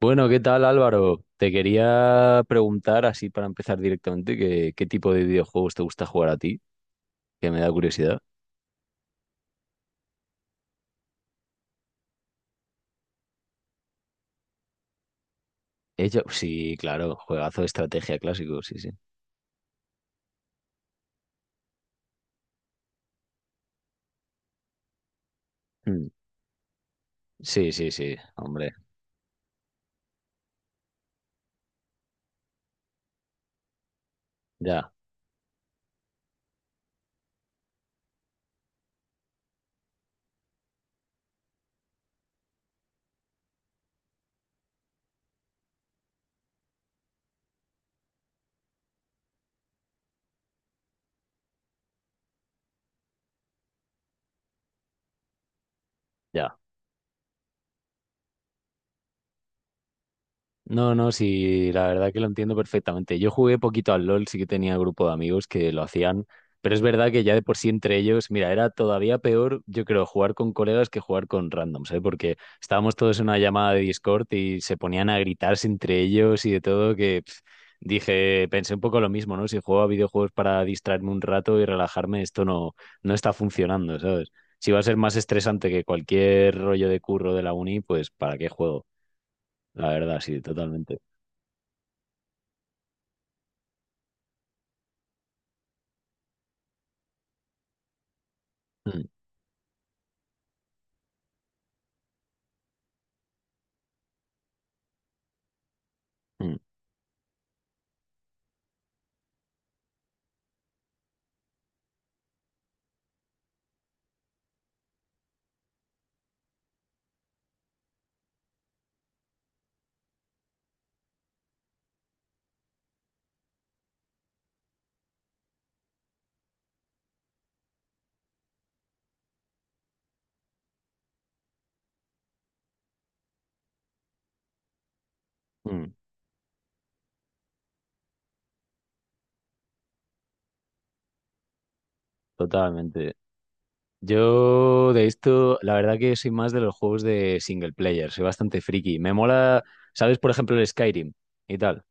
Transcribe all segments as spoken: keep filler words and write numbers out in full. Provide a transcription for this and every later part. Bueno, ¿qué tal Álvaro? Te quería preguntar, así para empezar directamente, que- qué tipo de videojuegos te gusta jugar a ti, que me da curiosidad. Ella, sí, claro, juegazo de estrategia clásico, sí, sí. Mm, sí, sí, sí, hombre, ya, ya. No, no, sí, la verdad que lo entiendo perfectamente. Yo jugué poquito al LOL, sí que tenía grupo de amigos que lo hacían, pero es verdad que ya de por sí entre ellos, mira, era todavía peor, yo creo, jugar con colegas que jugar con randoms, ¿eh? Porque estábamos todos en una llamada de Discord y se ponían a gritarse entre ellos y de todo, que pf, dije, pensé un poco lo mismo, ¿no? Si juego a videojuegos para distraerme un rato y relajarme, esto no, no está funcionando, ¿sabes? Si va a ser más estresante que cualquier rollo de curro de la uni, pues ¿para qué juego? La verdad, sí, totalmente. Mm, mm, mm, Totalmente. Yo de esto, la verdad que soy más de los juegos de single player, soy bastante friki. Me mola, ¿sabes? Por ejemplo, el Skyrim y tal.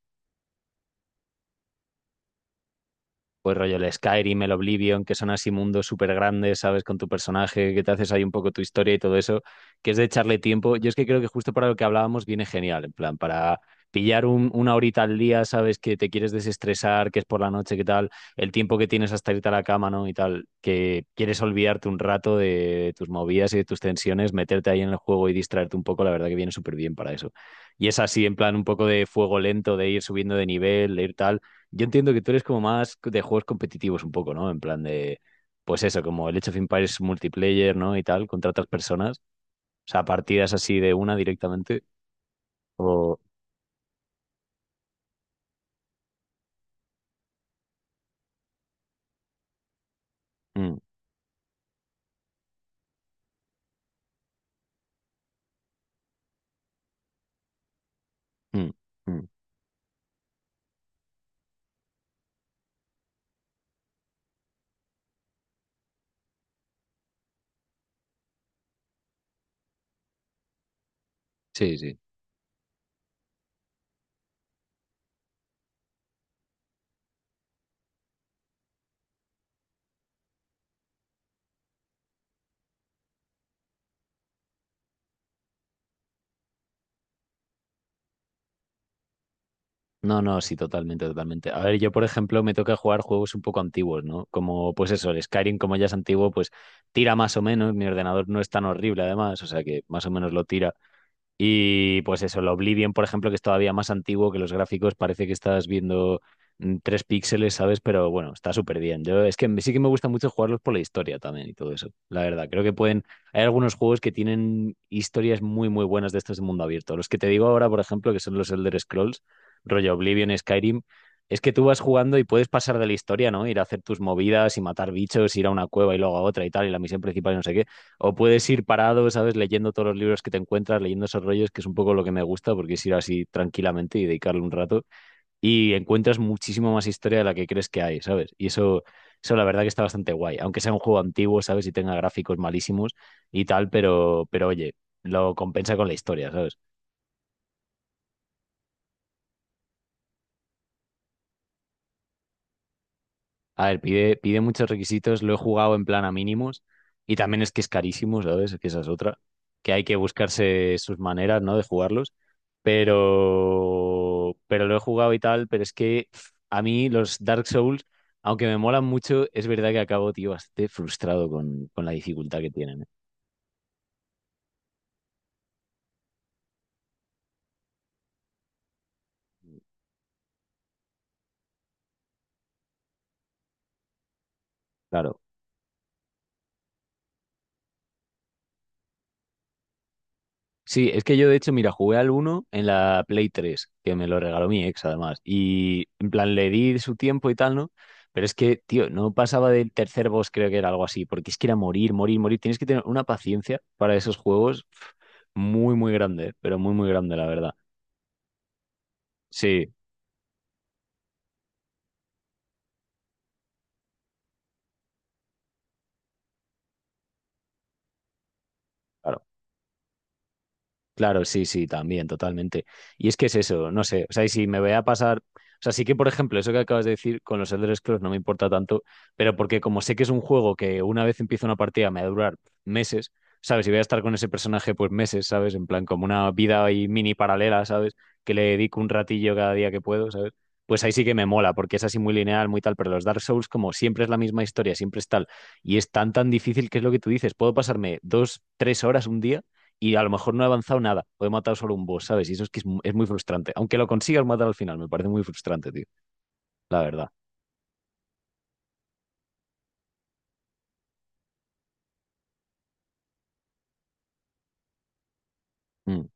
Pues rollo el Skyrim, el Oblivion, que son así mundos súper grandes, ¿sabes? Con tu personaje, que te haces ahí un poco tu historia y todo eso, que es de echarle tiempo. Yo es que creo que justo para lo que hablábamos viene genial, en plan, para pillar un- una horita al día, ¿sabes? Que te quieres desestresar, que es por la noche, que tal, el tiempo que tienes hasta irte a la cama, ¿no? Y tal, que quieres olvidarte un rato de tus movidas y de tus tensiones, meterte ahí en el juego y distraerte un poco, la verdad que viene súper bien para eso. Y es así, en plan, un poco de fuego lento, de ir subiendo de nivel, de ir tal. Yo entiendo que tú eres como más de juegos competitivos un poco, ¿no? En plan de, pues eso, como el Age of Empires multiplayer, ¿no? Y tal, contra otras personas. O sea, partidas así de una directamente. O... mm, mm, mm. Sí, sí. No, no, sí, totalmente, totalmente. A ver, yo, por ejemplo, me toca jugar juegos un poco antiguos, ¿no? Como, pues eso, el Skyrim, como ya es antiguo, pues tira más o menos. Mi ordenador no es tan horrible, además, o sea que más o menos lo tira. Y pues eso, el Oblivion, por ejemplo, que es todavía más antiguo que los gráficos, parece que estás viendo mm, tres píxeles, ¿sabes? Pero bueno, está súper bien. Yo es que me- sí que me gusta mucho jugarlos por la historia también y todo eso. La verdad, creo que pueden. Hay algunos juegos que tienen historias muy, muy buenas de estos de mundo abierto. Los que te digo ahora, por ejemplo, que son los Elder Scrolls, rollo Oblivion, Skyrim, es que tú vas jugando y puedes pasar de la historia, ¿no? Ir a hacer tus movidas y matar bichos, ir a una cueva y luego a otra y tal, y la misión principal y no sé qué, o puedes ir parado, ¿sabes? Leyendo todos los libros que te encuentras, leyendo esos rollos, que es un poco lo que me gusta, porque es ir así tranquilamente y dedicarle un rato. Y encuentras muchísimo más historia de la que crees que hay, ¿sabes? Y eso, eso la verdad que está bastante guay. Aunque sea un juego antiguo, ¿sabes? Y tenga gráficos malísimos y tal, pero, pero oye, lo compensa con la historia, ¿sabes? A ver, pide, pide muchos requisitos, lo he jugado en plan a mínimos y también es que es carísimo, ¿sabes? Es que esa es otra, que hay que buscarse sus maneras, ¿no? De jugarlos, pero, pero lo he jugado y tal, pero es que pf, a mí los Dark Souls, aunque me molan mucho, es verdad que acabo, tío, bastante frustrado con, con la dificultad que tienen, ¿eh? Claro. Sí, es que yo de hecho, mira, jugué al uno en la Play tres que me lo regaló mi ex además, y en plan le di su tiempo y tal, ¿no? Pero es que, tío, no pasaba del tercer boss, creo que era algo así, porque es que era morir, morir, morir. Tienes que tener una paciencia para esos juegos pf, muy, muy grande, pero muy, muy grande, la verdad. Sí, claro. Claro, sí, sí, también, totalmente. Y es que es eso, no sé, o sea, y si me voy a pasar, o sea, sí que, por ejemplo, eso que acabas de decir con los Elder Scrolls no me importa tanto, pero porque como sé que es un juego que una vez empiezo una partida me va a durar meses, ¿sabes? Y voy a estar con ese personaje pues meses, ¿sabes? En plan, como una vida ahí mini paralela, ¿sabes? Que le dedico un ratillo cada día que puedo, ¿sabes? Pues ahí sí que me mola, porque es así muy lineal, muy tal, pero los Dark Souls como siempre es la misma historia, siempre es tal, y es tan, tan difícil que es lo que tú dices, puedo pasarme dos, tres horas un día y a lo mejor no he avanzado nada, o he matado solo un boss, ¿sabes? Y eso es que es, mu- es muy frustrante. Aunque lo consigas matar al final, me parece muy frustrante, tío. La verdad. Mm.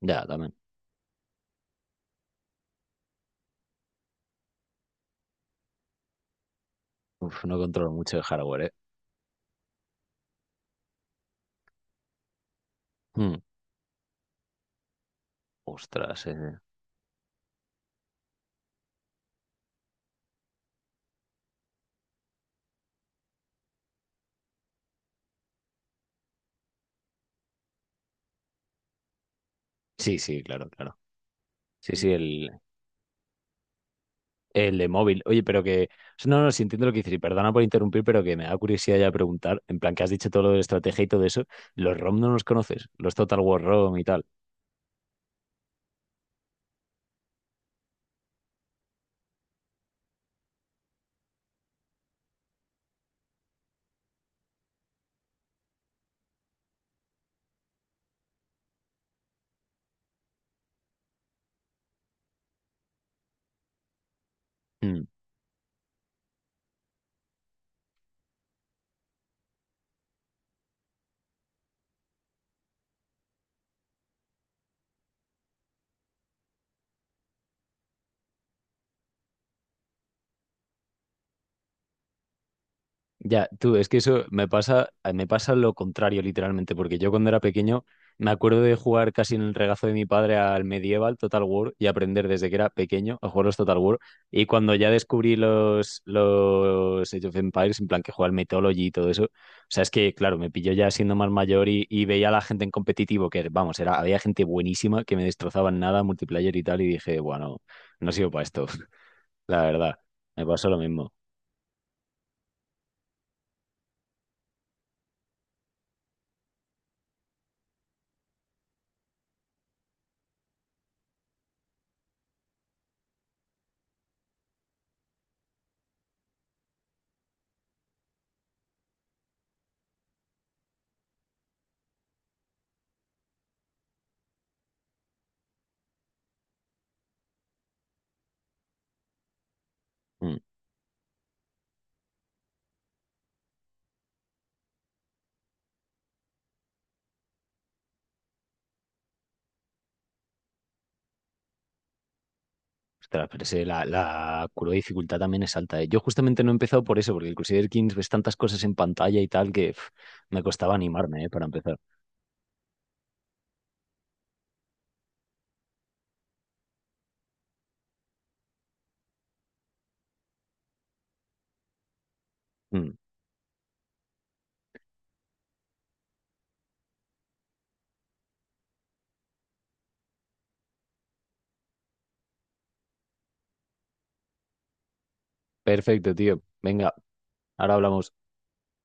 Ya, también. Uf, no controlo mucho el hardware, ¿eh? Mm. Ostras, eh. Sí, sí, claro, claro. Sí, sí, el, el de móvil. Oye, pero que... No, no, sí entiendo lo que dices. Y perdona por interrumpir, pero que me da curiosidad ya preguntar. En plan, que has dicho todo lo de estrategia y todo eso. ¿Los ROM no los conoces? Los Total War ROM y tal. Mm. Ya, tú, es que eso me pasa, me pasa lo contrario literalmente, porque yo cuando era pequeño me acuerdo de jugar casi en el regazo de mi padre al Medieval Total War y aprender desde que era pequeño a jugar los Total War. Y cuando ya descubrí los, los Age of Empires, en plan que jugaba al Mythology y todo eso, o sea, es que, claro, me pilló ya siendo más mayor y, y veía a la gente en competitivo, que vamos, era, había gente buenísima que me destrozaba en nada, multiplayer y tal, y dije, bueno, no no sirvo para esto, la verdad, me pasó lo mismo. Mm. Ostras, pero ese- la, la curva de dificultad también es alta, ¿eh? Yo justamente no he empezado por eso, porque el Crusader Kings ves tantas cosas en pantalla y tal que pf, me costaba animarme, ¿eh? Para empezar. Mm. Perfecto, tío. Venga, ahora hablamos.